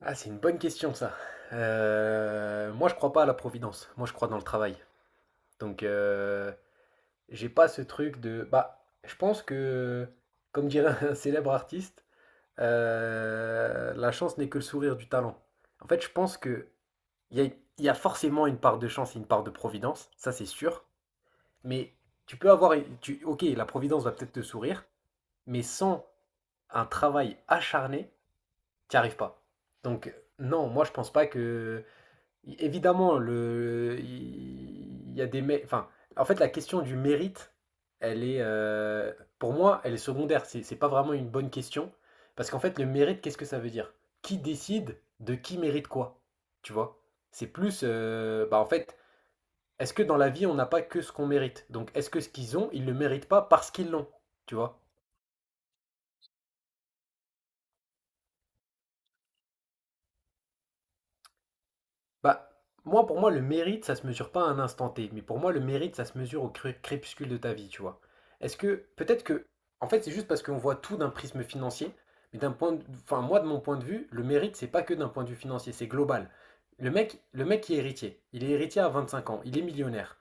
Ah, c'est une bonne question ça. Moi, je crois pas à la providence. Moi, je crois dans le travail. Donc, j'ai pas ce truc de. Bah, je pense que, comme dirait un célèbre artiste, la chance n'est que le sourire du talent. En fait, je pense que il y a forcément une part de chance et une part de providence. Ça, c'est sûr. Mais tu peux avoir. Ok, la providence va peut-être te sourire, mais sans un travail acharné, t'y arrives pas. Donc, non, moi, je pense pas que. É évidemment, le il y a des mé enfin, en fait, la question du mérite, elle est, pour moi, elle est secondaire. C'est pas vraiment une bonne question parce qu'en fait, le mérite, qu'est-ce que ça veut dire? Qui décide de qui mérite quoi? Tu vois? C'est plus, bah, en fait, est-ce que dans la vie, on n'a pas que ce qu'on mérite? Donc est-ce que ce qu'ils ont, ils le méritent pas parce qu'ils l'ont? Tu vois? Bah, moi, pour moi, le mérite, ça se mesure pas à un instant T, mais pour moi, le mérite, ça se mesure au crépuscule de ta vie, tu vois. Est-ce que, peut-être que, en fait, c'est juste parce qu'on voit tout d'un prisme financier, mais d'un point de, enfin, moi, de mon point de vue, le mérite, c'est pas que d'un point de vue financier, c'est global. Le mec qui est héritier, il est héritier à 25 ans, il est millionnaire.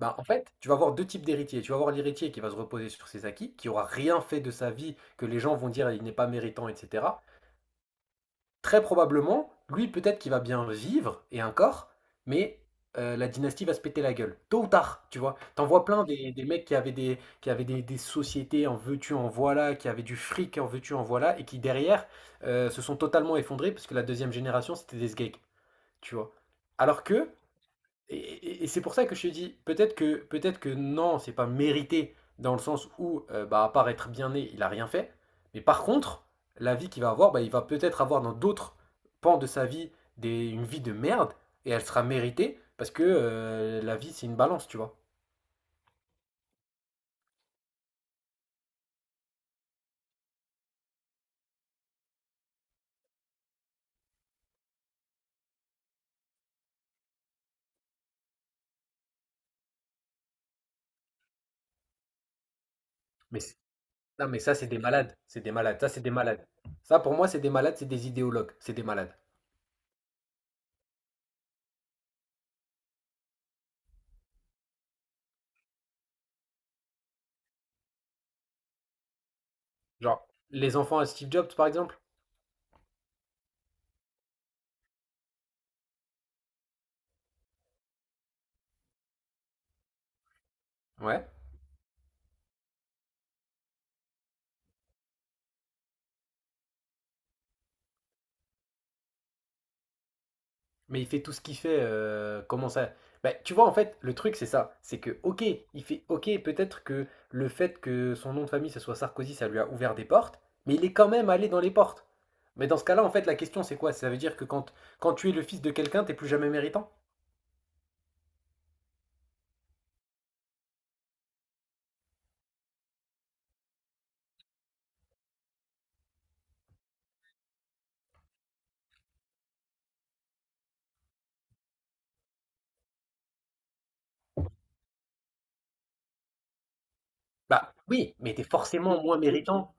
Bah, en fait, tu vas avoir deux types d'héritiers. Tu vas avoir l'héritier qui va se reposer sur ses acquis, qui aura rien fait de sa vie, que les gens vont dire il n'est pas méritant, etc. Très probablement, lui, peut-être qu'il va bien vivre, et encore, mais la dynastie va se péter la gueule, tôt ou tard, tu vois. T'en vois plein des mecs qui avaient des sociétés en veux-tu, en voilà, qui avaient du fric en veux-tu, en voilà, et qui derrière se sont totalement effondrés parce que la deuxième génération, c'était des sgeeks, tu vois. Alors que et c'est pour ça que je te dis, peut-être que non, c'est pas mérité, dans le sens où, bah, à part être bien né, il a rien fait. Mais par contre, la vie qu'il va avoir, bah, il va peut-être avoir dans d'autres pans de sa vie une vie de merde, et elle sera méritée, parce que la vie, c'est une balance, tu vois. Mais, non, mais ça, c'est des malades. C'est des malades. Ça, c'est des malades. Ça, pour moi, c'est des malades, c'est des idéologues. C'est des malades. Genre, les enfants à Steve Jobs, par exemple. Ouais. Mais il fait tout ce qu'il fait. Comment ça? Bah, tu vois, en fait, le truc, c'est ça. C'est que, ok, il fait, ok, peut-être que le fait que son nom de famille, ce soit Sarkozy, ça lui a ouvert des portes, mais il est quand même allé dans les portes. Mais dans ce cas-là, en fait, la question, c'est quoi? Ça veut dire que quand tu es le fils de quelqu'un, t'es plus jamais méritant? Bah oui, mais t'es forcément moins méritant.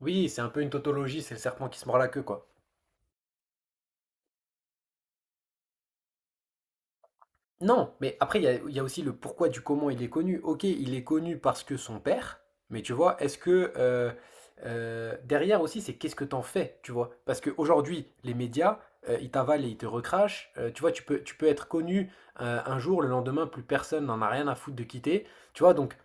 Oui, c'est un peu une tautologie, c'est le serpent qui se mord la queue, quoi. Non, mais après, il y a aussi le pourquoi du comment il est connu. Ok, il est connu parce que son père, mais tu vois, est-ce que derrière aussi, c'est qu'est-ce que t'en fais, tu vois? Parce qu'aujourd'hui, les médias, ils t'avalent et ils te recrachent. Tu vois, tu peux être connu un jour, le lendemain, plus personne n'en a rien à foutre de quitter. Tu vois, donc.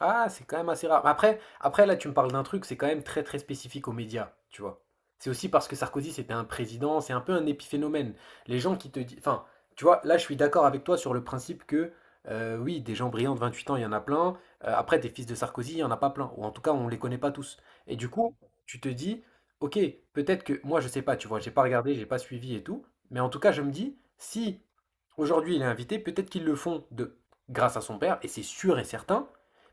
Ah, c'est quand même assez rare. Après là, tu me parles d'un truc, c'est quand même très très spécifique aux médias, tu vois. C'est aussi parce que Sarkozy, c'était un président, c'est un peu un épiphénomène. Les gens qui te disent. Enfin, tu vois, là, je suis d'accord avec toi sur le principe que, oui, des gens brillants de 28 ans, il y en a plein. Après, des fils de Sarkozy, il n'y en a pas plein. Ou en tout cas, on ne les connaît pas tous. Et du coup, tu te dis, ok, peut-être que. Moi, je sais pas, tu vois, j'ai pas regardé, j'ai pas suivi et tout. Mais en tout cas, je me dis, si aujourd'hui il est invité, peut-être qu'ils le font de grâce à son père, et c'est sûr et certain.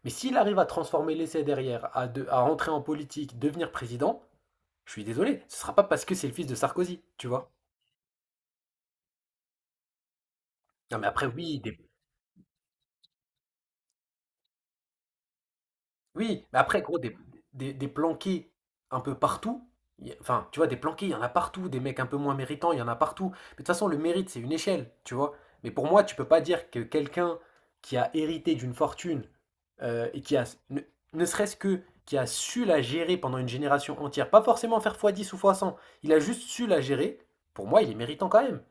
Mais s'il arrive à transformer l'essai derrière, à rentrer en politique, devenir président, je suis désolé, ce ne sera pas parce que c'est le fils de Sarkozy, tu vois. Non mais après oui, des. Oui, mais après, gros, des planqués un peu partout. Y Enfin, tu vois, des planqués, il y en a partout. Des mecs un peu moins méritants, il y en a partout. Mais de toute façon, le mérite, c'est une échelle, tu vois. Mais pour moi, tu peux pas dire que quelqu'un qui a hérité d'une fortune et qui a, ne, ne serait-ce que, qui a su la gérer pendant une génération entière, pas forcément faire fois dix ou fois cent, il a juste su la gérer, pour moi, il est méritant quand même.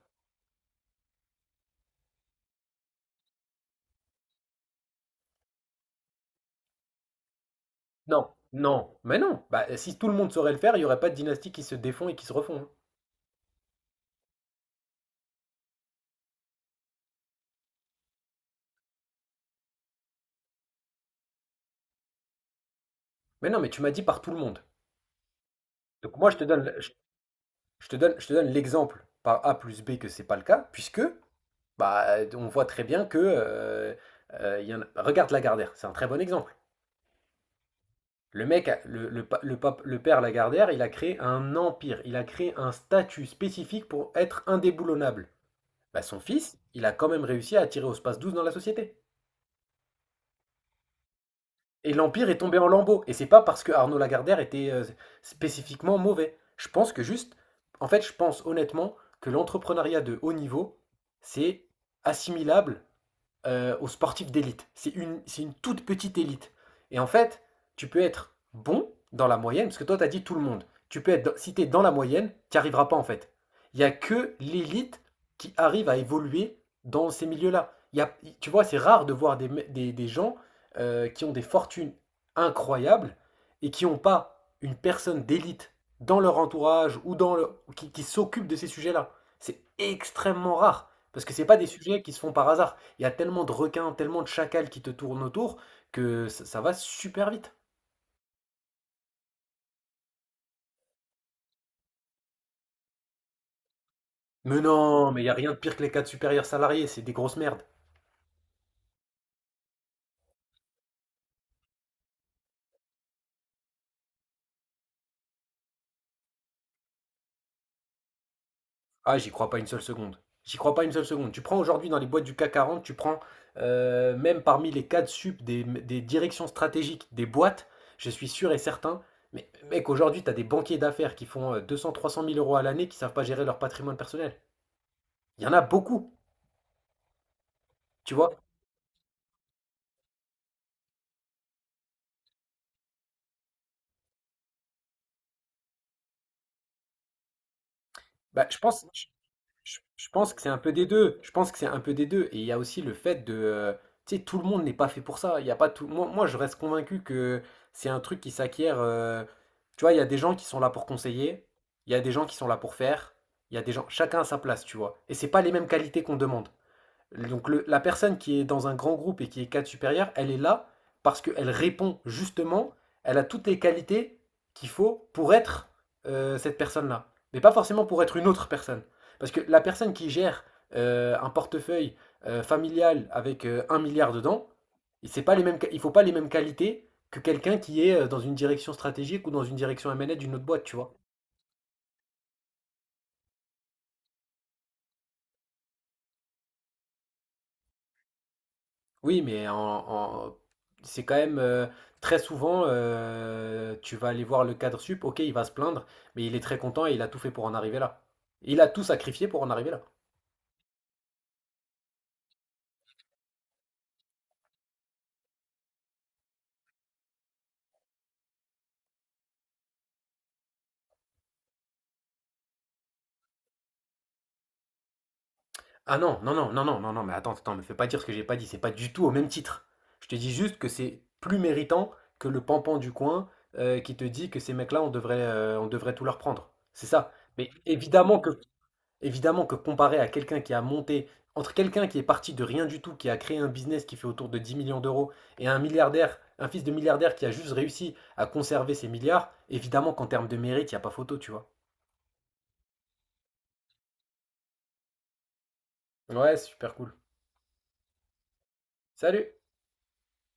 Non, non, mais non. Bah, si tout le monde saurait le faire, il y aurait pas de dynastie qui se défont et qui se refont, hein. Mais non, mais tu m'as dit par tout le monde. Donc moi, je te donne l'exemple par A plus B que c'est pas le cas, puisque bah, on voit très bien que il y en a- regarde Lagardère, c'est un très bon exemple. Le, pa- le pape- le père Lagardère, il a créé un empire, il a créé un statut spécifique pour être indéboulonnable. Bah, son fils, il a quand même réussi à attirer au space 12 dans la société. Et l'Empire est tombé en lambeaux. Et c'est pas parce que Arnaud Lagardère était spécifiquement mauvais. Je pense que juste, en fait, je pense honnêtement que l'entrepreneuriat de haut niveau, c'est assimilable aux sportifs d'élite. C'est une toute petite élite. Et en fait, tu peux être bon dans la moyenne, parce que toi, tu as dit tout le monde. Tu peux être, dans- si tu es dans la moyenne, tu n'y arriveras pas en fait. Il n'y a que l'élite qui arrive à évoluer dans ces milieux-là. Tu vois, c'est rare de voir des gens qui ont des fortunes incroyables et qui n'ont pas une personne d'élite dans leur entourage ou qui s'occupe de ces sujets-là. C'est extrêmement rare, parce que ce n'est pas des sujets qui se font par hasard. Il y a tellement de requins, tellement de chacals qui te tournent autour que ça va super vite. Mais non, mais il n'y a rien de pire que les cadres supérieurs salariés, c'est des grosses merdes. Ah, j'y crois pas une seule seconde. J'y crois pas une seule seconde. Tu prends aujourd'hui dans les boîtes du CAC 40, tu prends même parmi les cadres sup des directions stratégiques des boîtes, je suis sûr et certain. Mais mec, aujourd'hui, tu as des banquiers d'affaires qui font 200, 300 000 euros à l'année qui savent pas gérer leur patrimoine personnel. Il y en a beaucoup, tu vois. Bah, je pense. Je pense que c'est un peu des deux. Je pense que c'est un peu des deux. Et il y a aussi le fait de, tu sais, tout le monde n'est pas fait pour ça. Il y a pas tout. Moi, je reste convaincu que c'est un truc qui s'acquiert. Tu vois, il y a des gens qui sont là pour conseiller. Il y a des gens qui sont là pour faire. Il y a des gens. Chacun à sa place, tu vois. Et c'est pas les mêmes qualités qu'on demande. Donc la personne qui est dans un grand groupe et qui est cadre supérieur, elle est là parce qu'elle répond justement, elle a toutes les qualités qu'il faut pour être cette personne-là. Mais pas forcément pour être une autre personne. Parce que la personne qui gère un portefeuille familial avec un milliard dedans, et c'est pas les mêmes, il ne faut pas les mêmes qualités que quelqu'un qui est dans une direction stratégique ou dans une direction M&A d'une autre boîte, tu vois. Oui, mais c'est quand même très souvent, tu vas aller voir le cadre sup, ok, il va se plaindre, mais il est très content et il a tout fait pour en arriver là. Il a tout sacrifié pour en arriver là. Ah non, non, non, non, non, non, non, mais attends, attends, me fais pas dire ce que j'ai pas dit, c'est pas du tout au même titre. Je te dis juste que c'est plus méritant que le pampan du coin qui te dit que ces mecs-là, on devrait tout leur prendre. C'est ça. Mais évidemment que comparé à quelqu'un qui a monté, entre quelqu'un qui est parti de rien du tout, qui a créé un business qui fait autour de 10 millions d'euros, et un milliardaire, un fils de milliardaire qui a juste réussi à conserver ses milliards, évidemment qu'en termes de mérite, il n'y a pas photo, tu vois. Ouais, super cool. Salut!